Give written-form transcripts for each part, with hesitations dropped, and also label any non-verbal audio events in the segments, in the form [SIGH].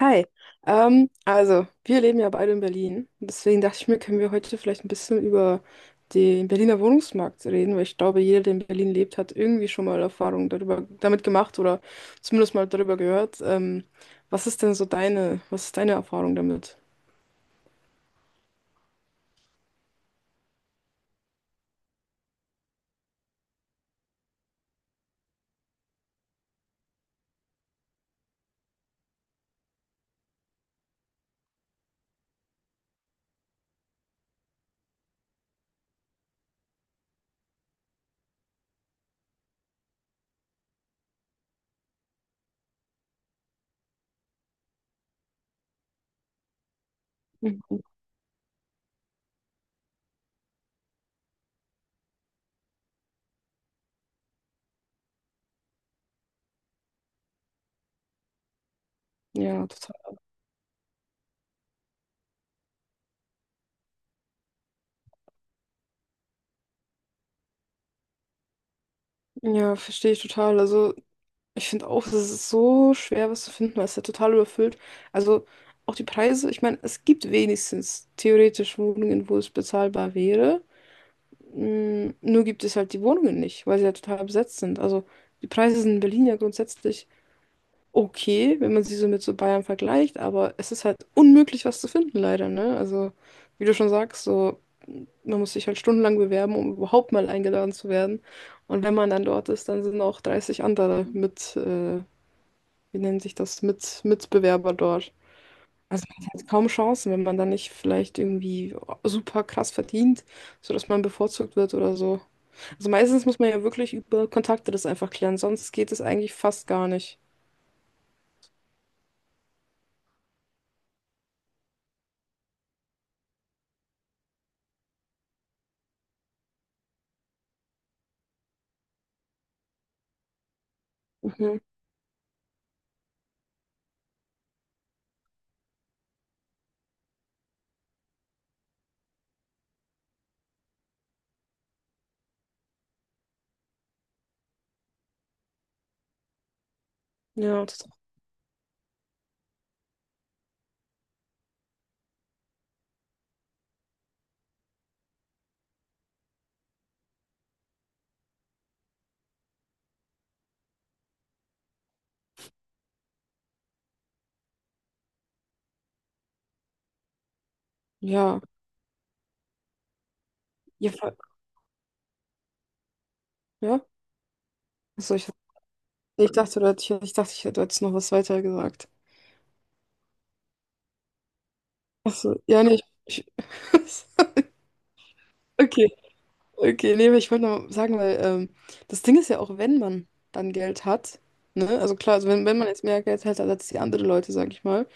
Hi. Also wir leben ja beide in Berlin. Deswegen dachte ich mir, können wir heute vielleicht ein bisschen über den Berliner Wohnungsmarkt reden, weil ich glaube, jeder, der in Berlin lebt, hat irgendwie schon mal Erfahrungen darüber, damit gemacht oder zumindest mal darüber gehört. Was ist denn was ist deine Erfahrung damit? Mhm. Ja, total. Ja, verstehe ich total. Also, ich finde auch, es ist so schwer, was zu finden, weil es ja total überfüllt. Also, auch die Preise, ich meine, es gibt wenigstens theoretisch Wohnungen, wo es bezahlbar wäre. Nur gibt es halt die Wohnungen nicht, weil sie ja total besetzt sind. Also die Preise sind in Berlin ja grundsätzlich okay, wenn man sie so mit so Bayern vergleicht, aber es ist halt unmöglich, was zu finden, leider, ne? Also, wie du schon sagst, so man muss sich halt stundenlang bewerben, um überhaupt mal eingeladen zu werden. Und wenn man dann dort ist, dann sind auch 30 andere mit, wie nennt sich das, mit Mitbewerber dort. Also kaum Chancen, wenn man dann nicht vielleicht irgendwie super krass verdient, sodass man bevorzugt wird oder so. Also meistens muss man ja wirklich über Kontakte das einfach klären, sonst geht es eigentlich fast gar nicht. Mhm. Ja, das, ja. Ja. Voll-, ja? Achso, ich dachte, du hättest, ich dachte, ich hätte- jetzt noch was weiter gesagt. Achso, ja, nee. Ich, ich, [LAUGHS] okay, okay, nee, aber ich wollte noch sagen, weil das Ding ist ja auch, wenn man dann Geld hat, ne? Also klar, also wenn man jetzt mehr Geld hat als die anderen Leute, sag ich mal.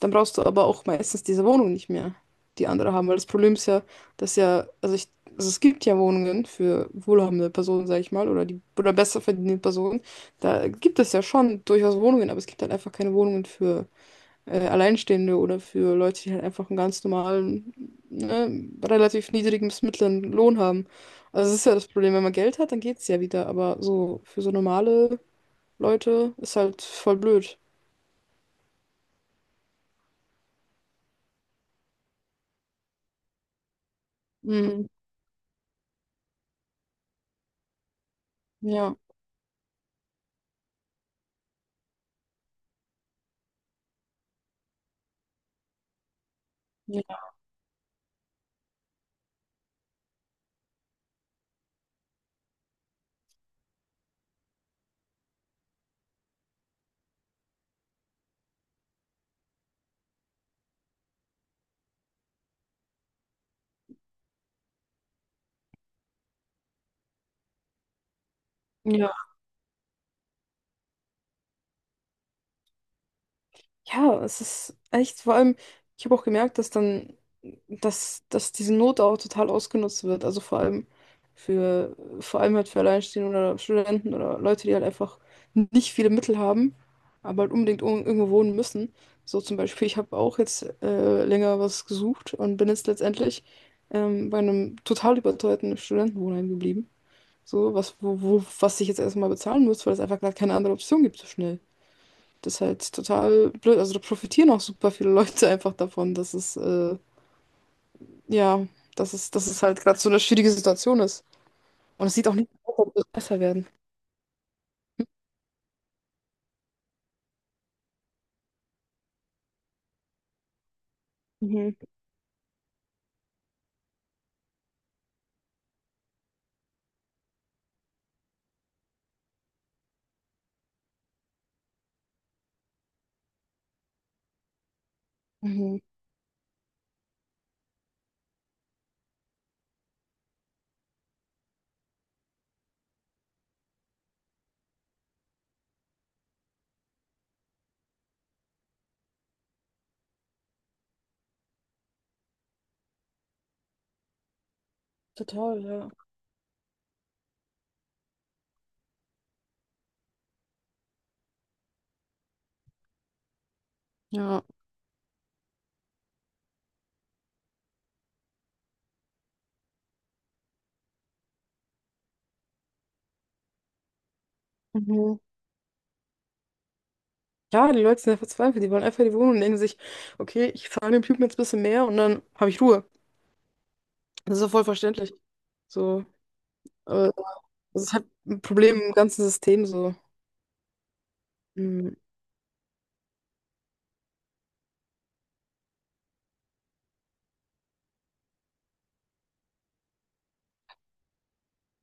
Dann brauchst du aber auch meistens diese Wohnung nicht mehr, die andere haben. Weil das Problem ist ja, dass ja, also ich, also es gibt ja Wohnungen für wohlhabende Personen, sag ich mal, oder die oder besser verdienende Personen. Da gibt es ja schon durchaus Wohnungen, aber es gibt halt einfach keine Wohnungen für Alleinstehende oder für Leute, die halt einfach einen ganz normalen, ne, relativ niedrigen bis mittleren Lohn haben. Also das ist ja das Problem, wenn man Geld hat, dann geht's ja wieder, aber so für so normale Leute ist halt voll blöd. Mhm. Ja. Ja. Ja. Ja, es ist echt, vor allem, ich habe auch gemerkt, dass diese Not auch total ausgenutzt wird. Also vor allem halt für Alleinstehende oder Studenten oder Leute, die halt einfach nicht viele Mittel haben, aber halt unbedingt irgendwo wohnen müssen. So zum Beispiel, ich habe auch jetzt länger was gesucht und bin jetzt letztendlich bei einem total überteuerten Studentenwohnheim geblieben. So, was ich jetzt erstmal bezahlen muss, weil es einfach gar keine andere Option gibt so schnell. Das ist halt total blöd. Also da profitieren auch super viele Leute [LAUGHS] einfach davon, dass es, ja, dass es halt gerade so eine schwierige Situation ist. Und es sieht auch nicht aus, als würde es besser werden. Mhm. Mhm. Total, ja. Ja. Mhm. Ja, die Leute sind ja verzweifelt, die wollen einfach die Wohnung und denken sich, okay, ich zahle dem Typen jetzt ein bisschen mehr und dann habe ich Ruhe. Das ist ja voll verständlich. So, aber das ist halt ein Problem im ganzen System, so. Mhm.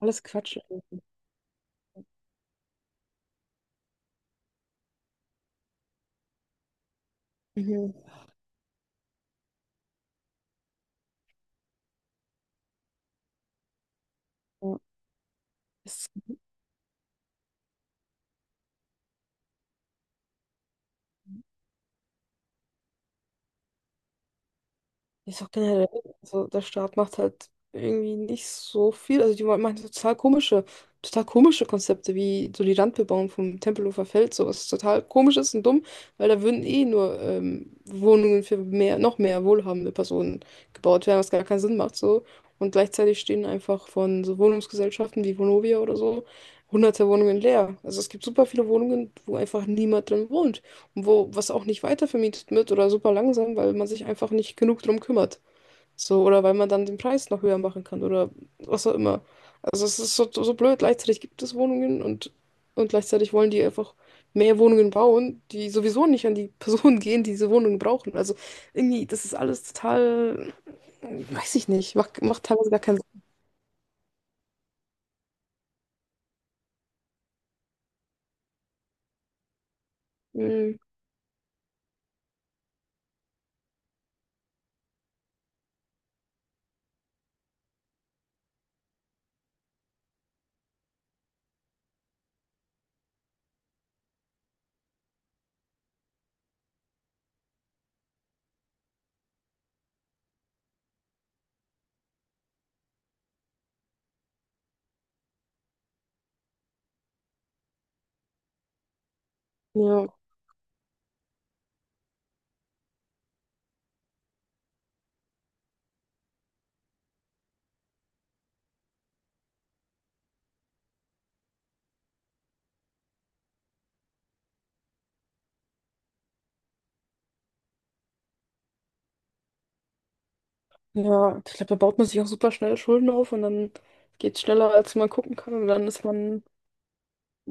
Alles Quatsch, ey. Mhm. Ja. Es Ist auch generell, also der Staat macht halt irgendwie nicht so viel. Also die machen so total komische Konzepte, wie so die Randbebauung vom Tempelhofer Feld, sowas total komisch ist und dumm, weil da würden eh nur Wohnungen noch mehr wohlhabende Personen gebaut werden, was gar keinen Sinn macht so. Und gleichzeitig stehen einfach von so Wohnungsgesellschaften wie Vonovia oder so hunderte Wohnungen leer. Also es gibt super viele Wohnungen, wo einfach niemand drin wohnt, wo was auch nicht weiter vermietet wird oder super langsam, weil man sich einfach nicht genug drum kümmert. So, oder weil man dann den Preis noch höher machen kann oder was auch immer. Also es ist so blöd. Gleichzeitig gibt es Wohnungen, und gleichzeitig wollen die einfach mehr Wohnungen bauen, die sowieso nicht an die [LAUGHS] Personen gehen, die diese Wohnungen brauchen. Also irgendwie, das ist alles total, weiß ich nicht, macht teilweise gar keinen Sinn. Ja, ja, ich glaube, da baut man sich auch super schnell Schulden auf und dann geht es schneller, als man gucken kann und dann ist man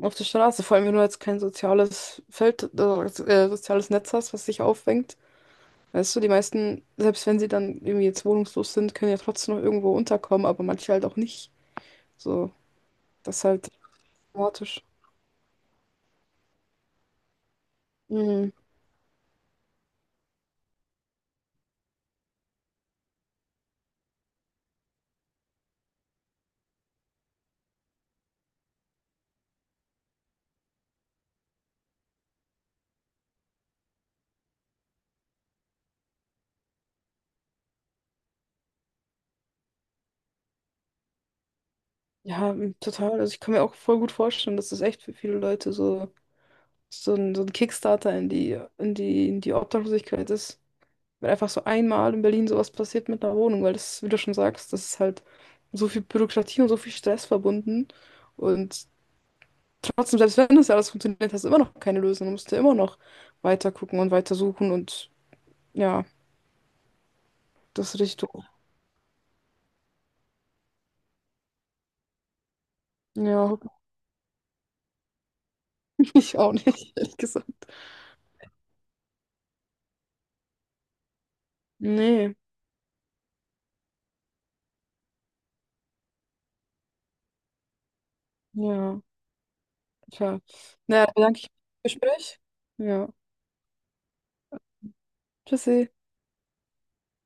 auf der Straße, vor allem wenn du jetzt kein soziales Feld, soziales Netz hast, was dich auffängt. Weißt du, die meisten, selbst wenn sie dann irgendwie jetzt wohnungslos sind, können ja trotzdem noch irgendwo unterkommen, aber manche halt auch nicht. So, das ist halt dramatisch. Mhm. Ja, total. Also ich kann mir auch voll gut vorstellen, dass das echt für viele Leute so ein Kickstarter in die, in die, in die Obdachlosigkeit ist. Wenn einfach so einmal in Berlin sowas passiert mit einer Wohnung, weil das, wie du schon sagst, das ist halt so viel Bürokratie und so viel Stress verbunden. Und trotzdem, selbst wenn das ja alles funktioniert, hast du immer noch keine Lösung. Du musst ja immer noch weiter gucken und weiter suchen und ja, das ist richtig doof. Ja, [LAUGHS] ich auch nicht, ehrlich gesagt. Nee, ja, tja. Naja, dann danke ich für das Gespräch. Ja, tschüssi.